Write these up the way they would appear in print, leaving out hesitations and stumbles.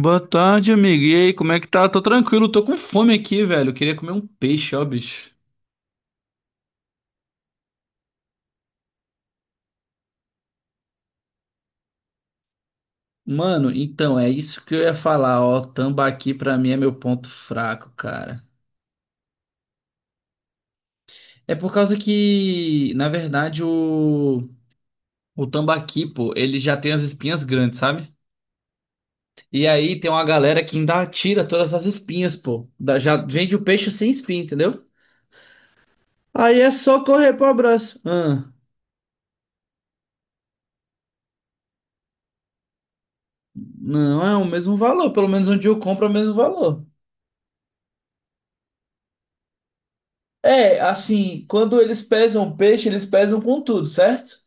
Boa tarde, amigo. E aí, como é que tá? Tô tranquilo, tô com fome aqui, velho. Queria comer um peixe, ó, bicho. Mano, então, é isso que eu ia falar, ó. Tambaqui pra mim é meu ponto fraco, cara. É por causa que, na verdade, o tambaqui, pô, ele já tem as espinhas grandes, sabe? E aí tem uma galera que ainda tira todas as espinhas, pô. Já vende o peixe sem espinha, entendeu? Aí é só correr pro abraço. Ah, não é o mesmo valor, pelo menos onde eu compro é o mesmo valor. É, assim, quando eles pesam o peixe, eles pesam com tudo, certo?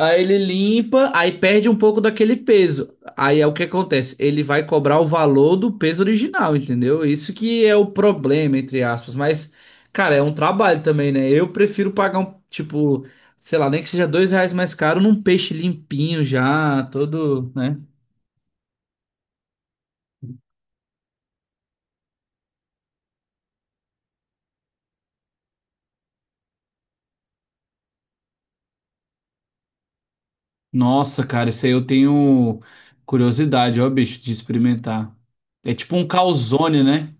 Aí ele limpa, aí perde um pouco daquele peso. Aí é o que acontece, ele vai cobrar o valor do peso original, entendeu? Isso que é o problema, entre aspas. Mas, cara, é um trabalho também, né? Eu prefiro pagar um, tipo, sei lá, nem que seja dois reais mais caro num peixe limpinho já, todo, né? Nossa, cara, isso aí eu tenho curiosidade, ó, bicho, de experimentar. É tipo um calzone, né?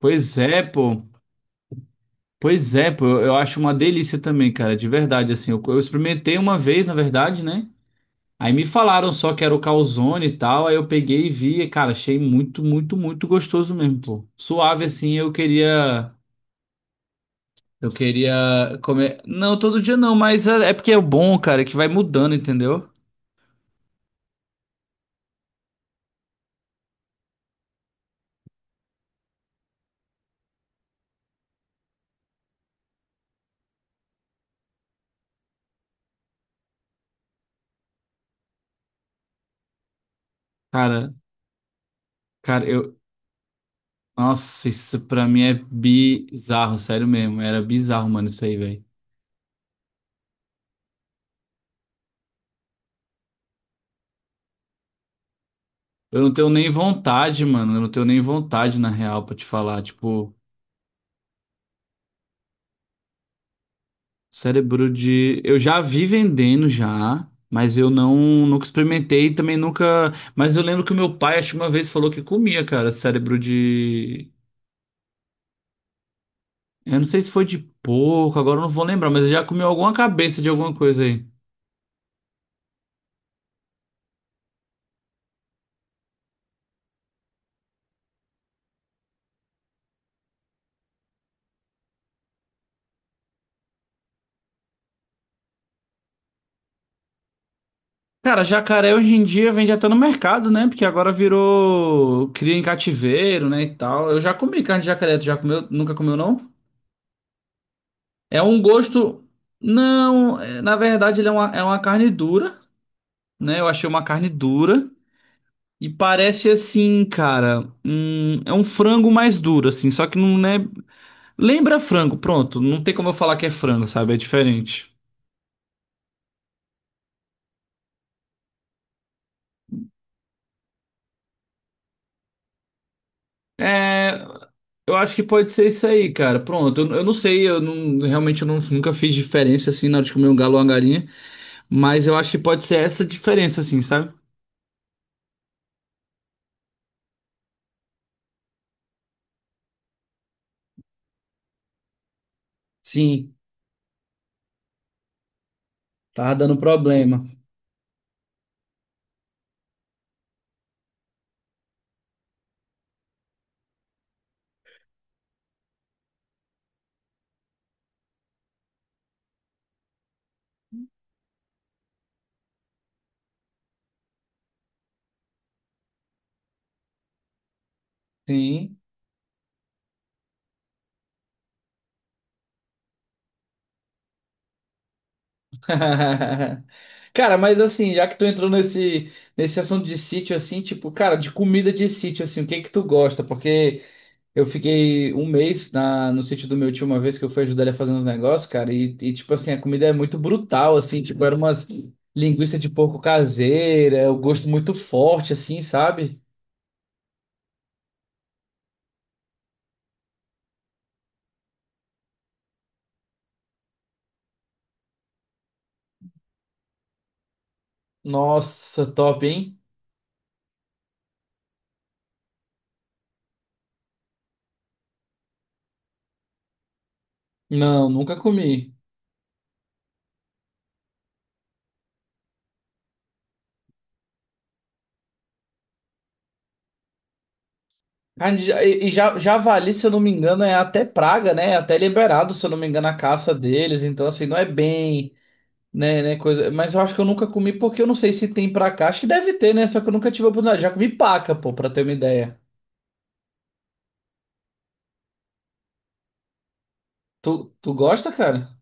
Pois é, pô. Pois é, pô. Eu acho uma delícia também, cara, de verdade, assim. Eu experimentei uma vez, na verdade, né? Aí me falaram só que era o calzone e tal, aí eu peguei e vi, e, cara, achei muito, muito, muito gostoso mesmo, pô. Suave, assim, eu queria... Eu queria comer... Não, todo dia não, mas é porque é bom, cara, é que vai mudando, entendeu? Cara, cara, eu... Nossa, isso pra mim é bizarro, sério mesmo. Era bizarro, mano, isso aí, velho. Eu não tenho nem vontade, mano. Eu não tenho nem vontade, na real, pra te falar. Tipo, cérebro de. Eu já vi vendendo já, mas eu não nunca experimentei e também nunca. Mas eu lembro que o meu pai, acho que uma vez, falou que comia, cara, cérebro de. Eu não sei se foi de porco, agora eu não vou lembrar, mas eu já comeu alguma cabeça de alguma coisa aí. Cara, jacaré hoje em dia vende até no mercado, né? Porque agora virou cria em cativeiro, né, e tal. Eu já comi carne de jacaré, tu já comeu? Nunca comeu, não? É um gosto. Não, na verdade, ele é é uma carne dura, né? Eu achei uma carne dura. E parece assim, cara. É um frango mais duro, assim. Só que não é. Lembra frango, pronto. Não tem como eu falar que é frango, sabe? É diferente. É. Eu acho que pode ser isso aí, cara. Pronto. Eu não sei. Eu não, realmente eu não- nunca fiz diferença, assim, na hora de comer um galo ou uma galinha. Mas eu acho que pode ser essa diferença, assim, sabe? Sim, tava dando problema. Sim. Cara, mas assim, já que tu entrou nesse assunto de sítio, assim, tipo, cara, de comida de sítio, assim, o que que tu gosta? Porque eu fiquei um mês na, no sítio do meu tio uma vez que eu fui ajudar ele a fazer uns negócios, cara, e tipo assim, a comida é muito brutal, assim, tipo, era umas linguiça de porco caseira, o gosto muito forte, assim, sabe? Nossa, top, hein? Não, nunca comi. Carne de ja- E e ja- Javali, se eu não me engano, é até praga, né? É até liberado, se eu não me engano, a caça deles. Então, assim, não é bem, né, coisa. Mas eu acho que eu nunca comi porque eu não sei se tem pra cá. Acho que deve ter, né? Só que eu nunca tive a oportunidade. Já comi paca, pô, pra ter uma ideia. Tu gosta, cara?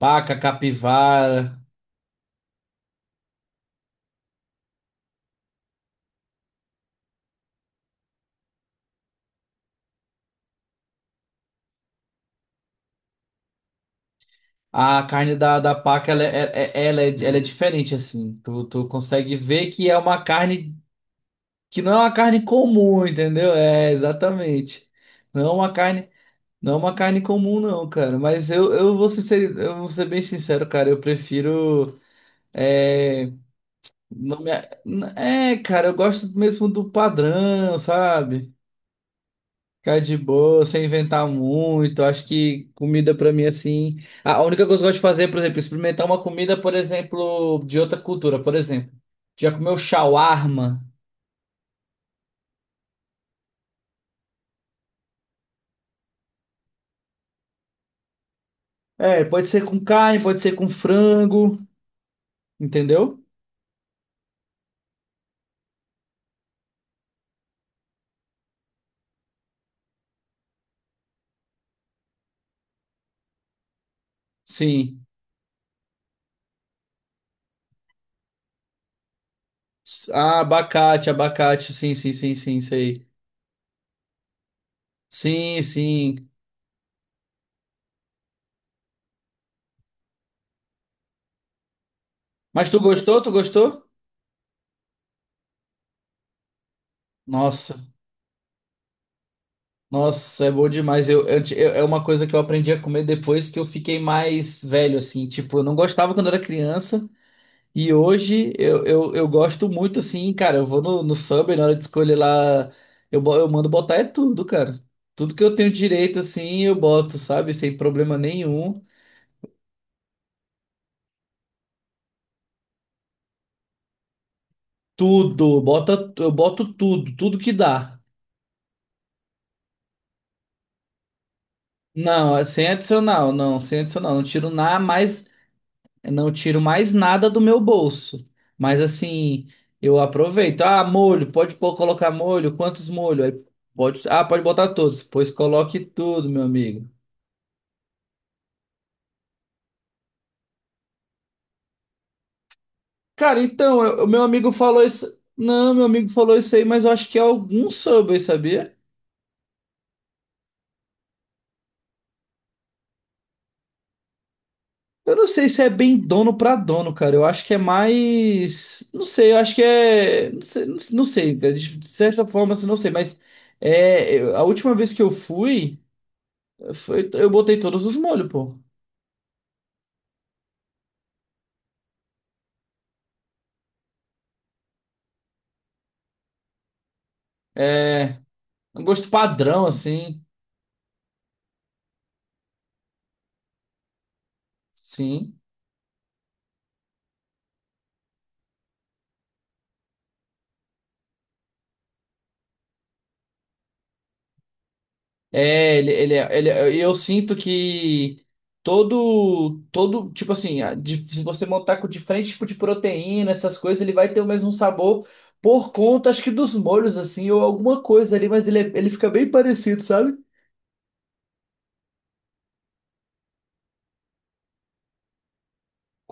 Paca, capivara. A carne da paca, ela é, é- é- ela é, ela é diferente, assim. Tu consegue ver que é uma carne que não é uma carne comum, entendeu? É, exatamente. Não é uma carne. Não é uma carne comum, não, cara. Mas eu vou ser, eu vou ser bem sincero, cara. Eu prefiro. É, não me, é, cara, eu gosto mesmo do padrão, sabe? Ficar de boa, sem inventar muito. Acho que comida pra mim, assim. A única coisa que eu gosto de fazer é, por exemplo, experimentar uma comida, por exemplo, de outra cultura. Por exemplo, já comeu shawarma? É, pode ser com carne, pode ser com frango, entendeu? Sim. Ah, abacate, abacate. Sim, sim, sim, sim, sei. Sim, sim. Mas tu gostou? Tu gostou? Nossa, nossa, é bom demais. É uma coisa que eu aprendi a comer depois que eu fiquei mais velho, assim. Tipo, eu não gostava quando era criança. E hoje eu gosto muito, assim, cara. Eu vou no Subway, na hora de escolher lá, eu mando botar é tudo, cara. Tudo que eu tenho direito, assim, eu boto, sabe? Sem problema nenhum. Tudo, bota, eu boto tudo, tudo que dá. Não, é sem adicional, não, sem adicional. Não tiro nada mais, não tiro mais nada do meu bolso. Mas assim, eu aproveito. Ah, molho, pode pôr, colocar molho, quantos molho? Aí pode, ah, pode botar todos. Pois coloque tudo, meu amigo. Cara, então, o meu amigo falou isso. Não, meu amigo falou isso aí, mas eu acho que é algum Subway, sabia? Eu não sei se é bem dono pra dono, cara. Eu acho que é mais. Não sei, eu acho que é. Não sei, não sei, cara. De certa forma, assim, não sei, mas é... a última vez que eu fui, foi... eu botei todos os molhos, pô. É um gosto padrão, assim. Sim. É, eu sinto que tipo assim, se você montar com diferente tipo de proteína, essas coisas, ele vai ter o mesmo sabor por conta, acho que dos molhos, assim, ou alguma coisa ali, mas ele fica bem parecido, sabe?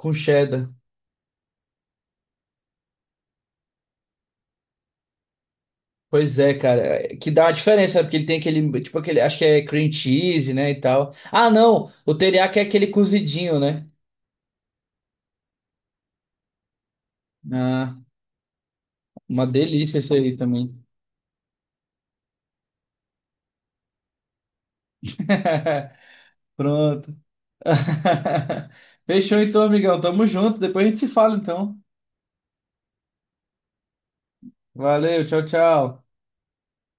Com cheddar. Pois é, cara, é, que dá uma diferença, sabe? Porque ele tem aquele, tipo aquele, acho que é cream cheese, né, e tal. Ah, não, o teriyaki é aquele cozidinho, né? Ah, uma delícia isso aí também. Pronto. Fechou então, amigão. Tamo junto. Depois a gente se fala, então. Valeu, tchau, tchau.